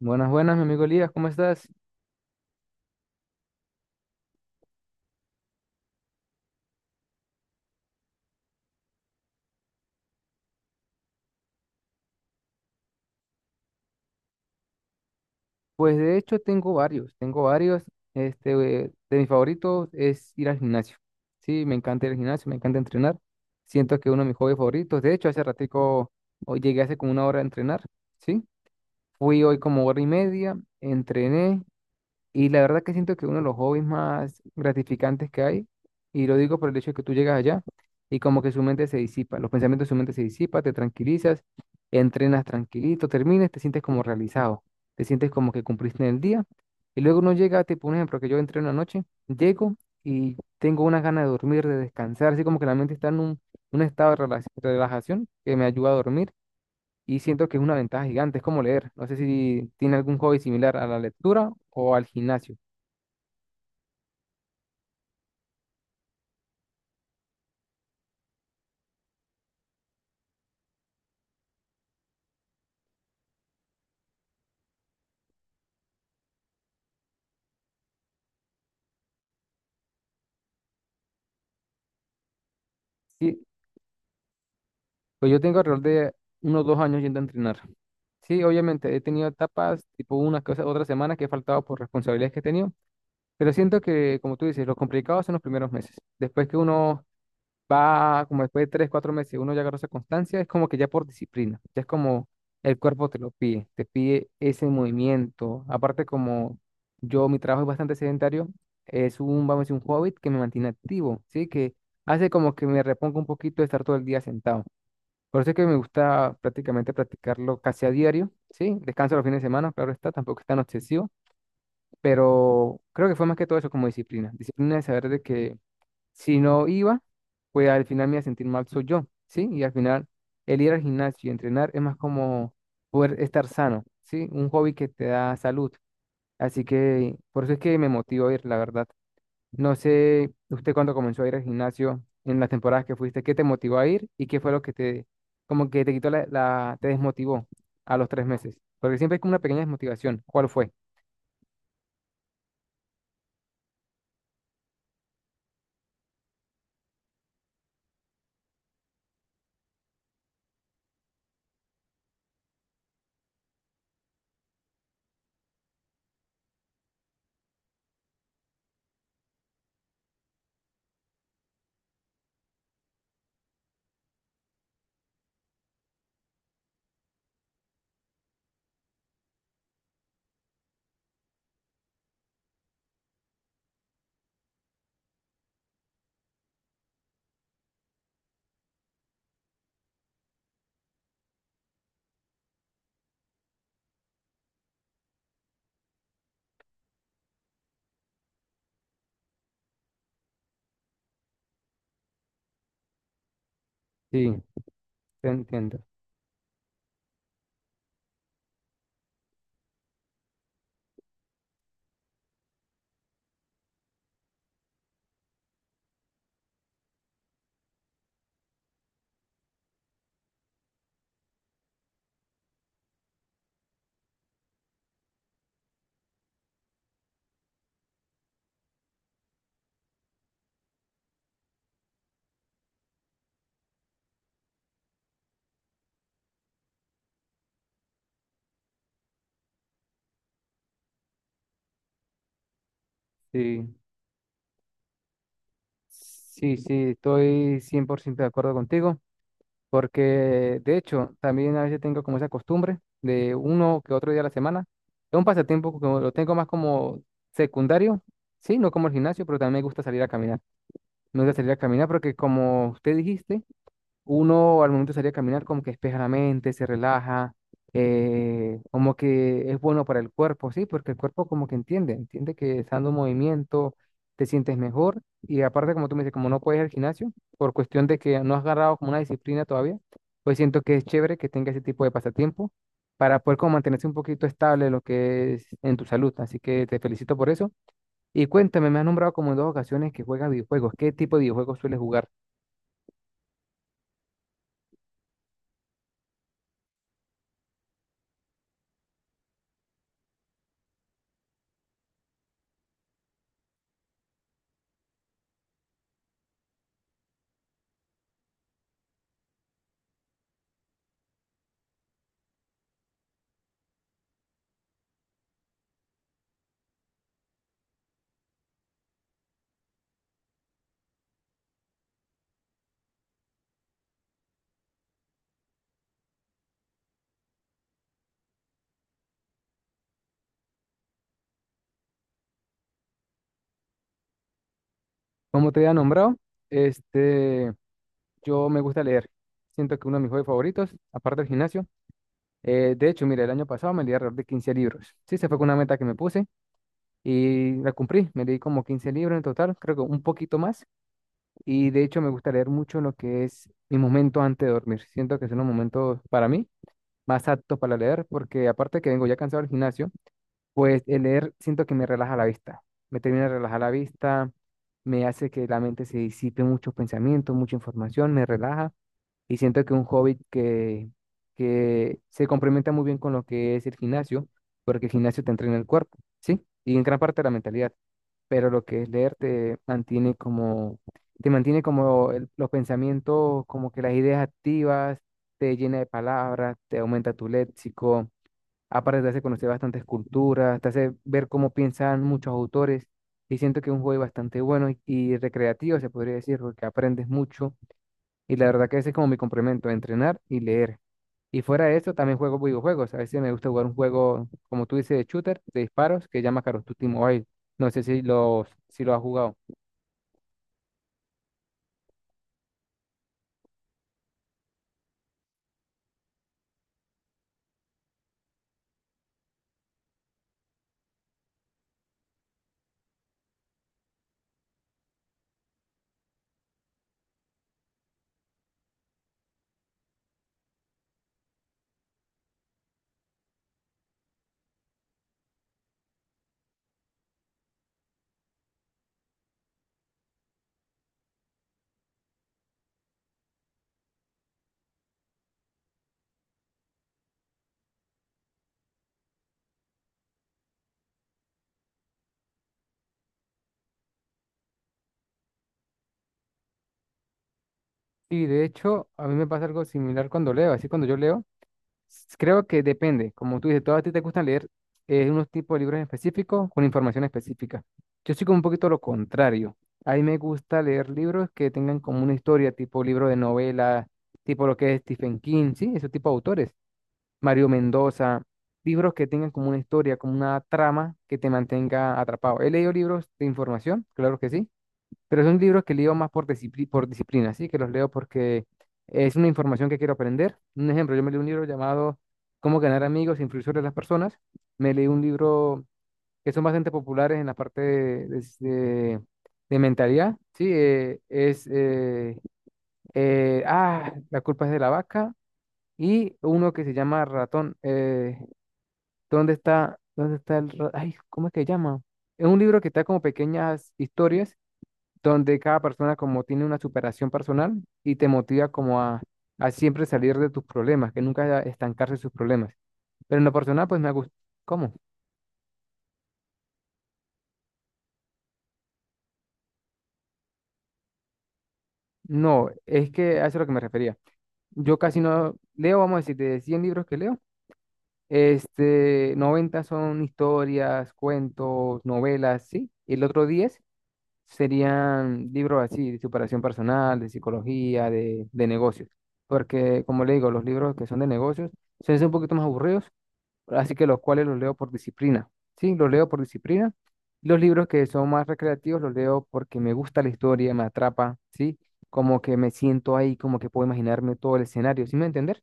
Buenas, buenas, mi amigo Elías, ¿cómo estás? Pues de hecho tengo varios, tengo varios. Este, de mis favoritos es ir al gimnasio. Sí, me encanta ir al gimnasio, me encanta entrenar. Siento que es uno de mis hobbies favoritos. De hecho, hace ratico, hoy llegué hace como una hora a entrenar, ¿sí? Fui hoy como hora y media, entrené. Y la verdad que siento que uno de los hobbies más gratificantes que hay, y lo digo por el hecho de que tú llegas allá y como que su mente se disipa, los pensamientos de su mente se disipa, te tranquilizas, entrenas tranquilito, termines, te sientes como realizado, te sientes como que cumpliste en el día. Y luego uno llega, tipo un ejemplo, que yo entré una noche, llego y tengo una ganas de dormir, de descansar, así como que la mente está en un estado de relajación que me ayuda a dormir y siento que es una ventaja gigante, es como leer. No sé si tiene algún hobby similar a la lectura o al gimnasio. Sí, pues yo tengo alrededor de unos 2 años yendo a entrenar. Sí, obviamente he tenido etapas, tipo una cosa, otra semana que he faltado por responsabilidades que he tenido, pero siento que, como tú dices, lo complicado son los primeros meses. Después que uno va, como después de 3, 4 meses, uno ya agarra esa constancia, es como que ya por disciplina, ya es como el cuerpo te lo pide, te pide ese movimiento. Aparte, como yo, mi trabajo es bastante sedentario, es un, vamos a decir, un hobbit que me mantiene activo, ¿sí? Que hace como que me reponga un poquito de estar todo el día sentado. Por eso es que me gusta prácticamente practicarlo casi a diario, ¿sí? Descanso los fines de semana, claro está, tampoco es tan obsesivo, pero creo que fue más que todo eso como disciplina. Disciplina de saber de que si no iba, pues al final me iba a sentir mal soy yo, ¿sí? Y al final el ir al gimnasio y entrenar es más como poder estar sano, ¿sí? Un hobby que te da salud. Así que por eso es que me motiva a ir, la verdad. No sé, usted cuando comenzó a ir al gimnasio, en las temporadas que fuiste, ¿qué te motivó a ir y qué fue lo que te, como que te quitó te desmotivó a los 3 meses? Porque siempre es como una pequeña desmotivación. ¿Cuál fue? Sí, te entiendo. Sí, sí, sí, estoy 100% de acuerdo contigo, porque de hecho también a veces tengo como esa costumbre de uno que otro día a la semana. Es un pasatiempo que lo tengo más como secundario, sí, no como el gimnasio, pero también me gusta salir a caminar. Nunca salir a caminar, porque como usted dijiste, uno al momento de salir a caminar como que despeja la mente, se relaja, como que es bueno para el cuerpo, sí, porque el cuerpo como que entiende, entiende que estando en movimiento te sientes mejor y aparte como tú me dices, como no puedes ir al gimnasio, por cuestión de que no has agarrado como una disciplina todavía, pues siento que es chévere que tenga ese tipo de pasatiempo para poder como mantenerse un poquito estable lo que es en tu salud, así que te felicito por eso. Y cuéntame, me has nombrado como en dos ocasiones que juegas videojuegos. ¿Qué tipo de videojuegos sueles jugar? Como te había nombrado, este, yo me gusta leer. Siento que uno de mis juegos favoritos, aparte del gimnasio. De hecho, mira, el año pasado me leí alrededor de 15 libros. Sí, se fue con una meta que me puse y la cumplí. Me leí como 15 libros en total, creo que un poquito más. Y de hecho, me gusta leer mucho lo que es mi momento antes de dormir. Siento que son los momentos para mí más aptos para leer, porque aparte que vengo ya cansado del gimnasio. Pues el leer siento que me relaja la vista, me termina de relajar la vista, me hace que la mente se disipe muchos pensamientos, mucha información, me relaja y siento que un hobby que se complementa muy bien con lo que es el gimnasio, porque el gimnasio te entrena el cuerpo, ¿sí? Y en gran parte la mentalidad, pero lo que es leer te mantiene como los pensamientos, como que las ideas activas, te llena de palabras, te aumenta tu léxico. Aparte te hace conocer bastantes culturas, te hace ver cómo piensan muchos autores y siento que es un juego bastante bueno y recreativo, se podría decir, porque aprendes mucho y la verdad que ese es como mi complemento, entrenar y leer. Y fuera de eso, también juego videojuegos. A veces me gusta jugar un juego, como tú dices, de shooter, de disparos, que se llama Call of Duty Mobile. No sé si lo, si lo has jugado. Y de hecho, a mí me pasa algo similar cuando leo. Así cuando yo leo, creo que depende, como tú dices, todos a ti te gusta leer unos tipos de libros específicos con información específica. Yo soy como un poquito lo contrario. A mí me gusta leer libros que tengan como una historia, tipo libro de novela, tipo lo que es Stephen King, sí, ese tipo de autores, Mario Mendoza, libros que tengan como una historia, como una trama que te mantenga atrapado. He leído libros de información, claro que sí, pero son libros que leo más por disciplina, ¿sí? Que los leo porque es una información que quiero aprender. Un ejemplo, yo me leí un libro llamado Cómo ganar amigos e influir sobre las personas. Me leí un libro que son bastante populares en la parte de mentalidad, ¿sí? La culpa es de la vaca y uno que se llama Ratón. Dónde está el... ra- Ay, ¿cómo es que se llama? Es un libro que está como pequeñas historias donde cada persona como tiene una superación personal y te motiva como a siempre salir de tus problemas, que nunca estancarse en sus problemas. Pero en lo personal, pues me gusta. ¿Cómo? No, es que a eso es lo que me refería. Yo casi no leo, vamos a decir, de 100 libros que leo, 90 son historias, cuentos, novelas, sí. Y el otro 10 serían libros así, de superación personal, de psicología, de negocios. Porque, como le digo, los libros que son de negocios suelen ser un poquito más aburridos así que los cuales los leo por disciplina, ¿sí? Los leo por disciplina. Los libros que son más recreativos los leo porque me gusta la historia, me atrapa, ¿sí? Como que me siento ahí, como que puedo imaginarme todo el escenario, ¿sí me entiendes?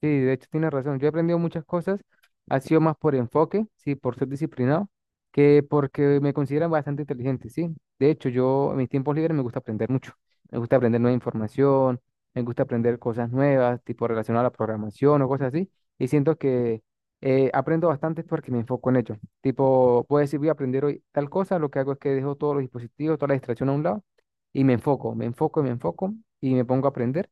Sí, de hecho tienes razón. Yo he aprendido muchas cosas. Ha sido más por enfoque, sí, por ser disciplinado, que porque me consideran bastante inteligente, sí. De hecho, yo en mis tiempos libres me gusta aprender mucho. Me gusta aprender nueva información, me gusta aprender cosas nuevas, tipo relacionadas a la programación o cosas así. Y siento que aprendo bastante porque me enfoco en ello. Tipo, puedo decir, voy a aprender hoy tal cosa. Lo que hago es que dejo todos los dispositivos, toda la distracción a un lado y me enfoco y me enfoco y me pongo a aprender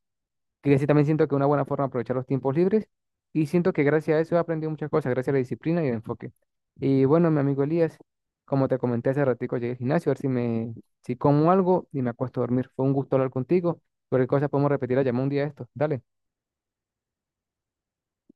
que sí también siento que es una buena forma de aprovechar los tiempos libres y siento que gracias a eso he aprendido muchas cosas, gracias a la disciplina y el enfoque. Y bueno, mi amigo Elías, como te comenté hace ratico, llegué al gimnasio a ver si me, si como algo y me acuesto a dormir. Fue un gusto hablar contigo. Cualquier cosa podemos repetir la llamada un día de esto. Dale.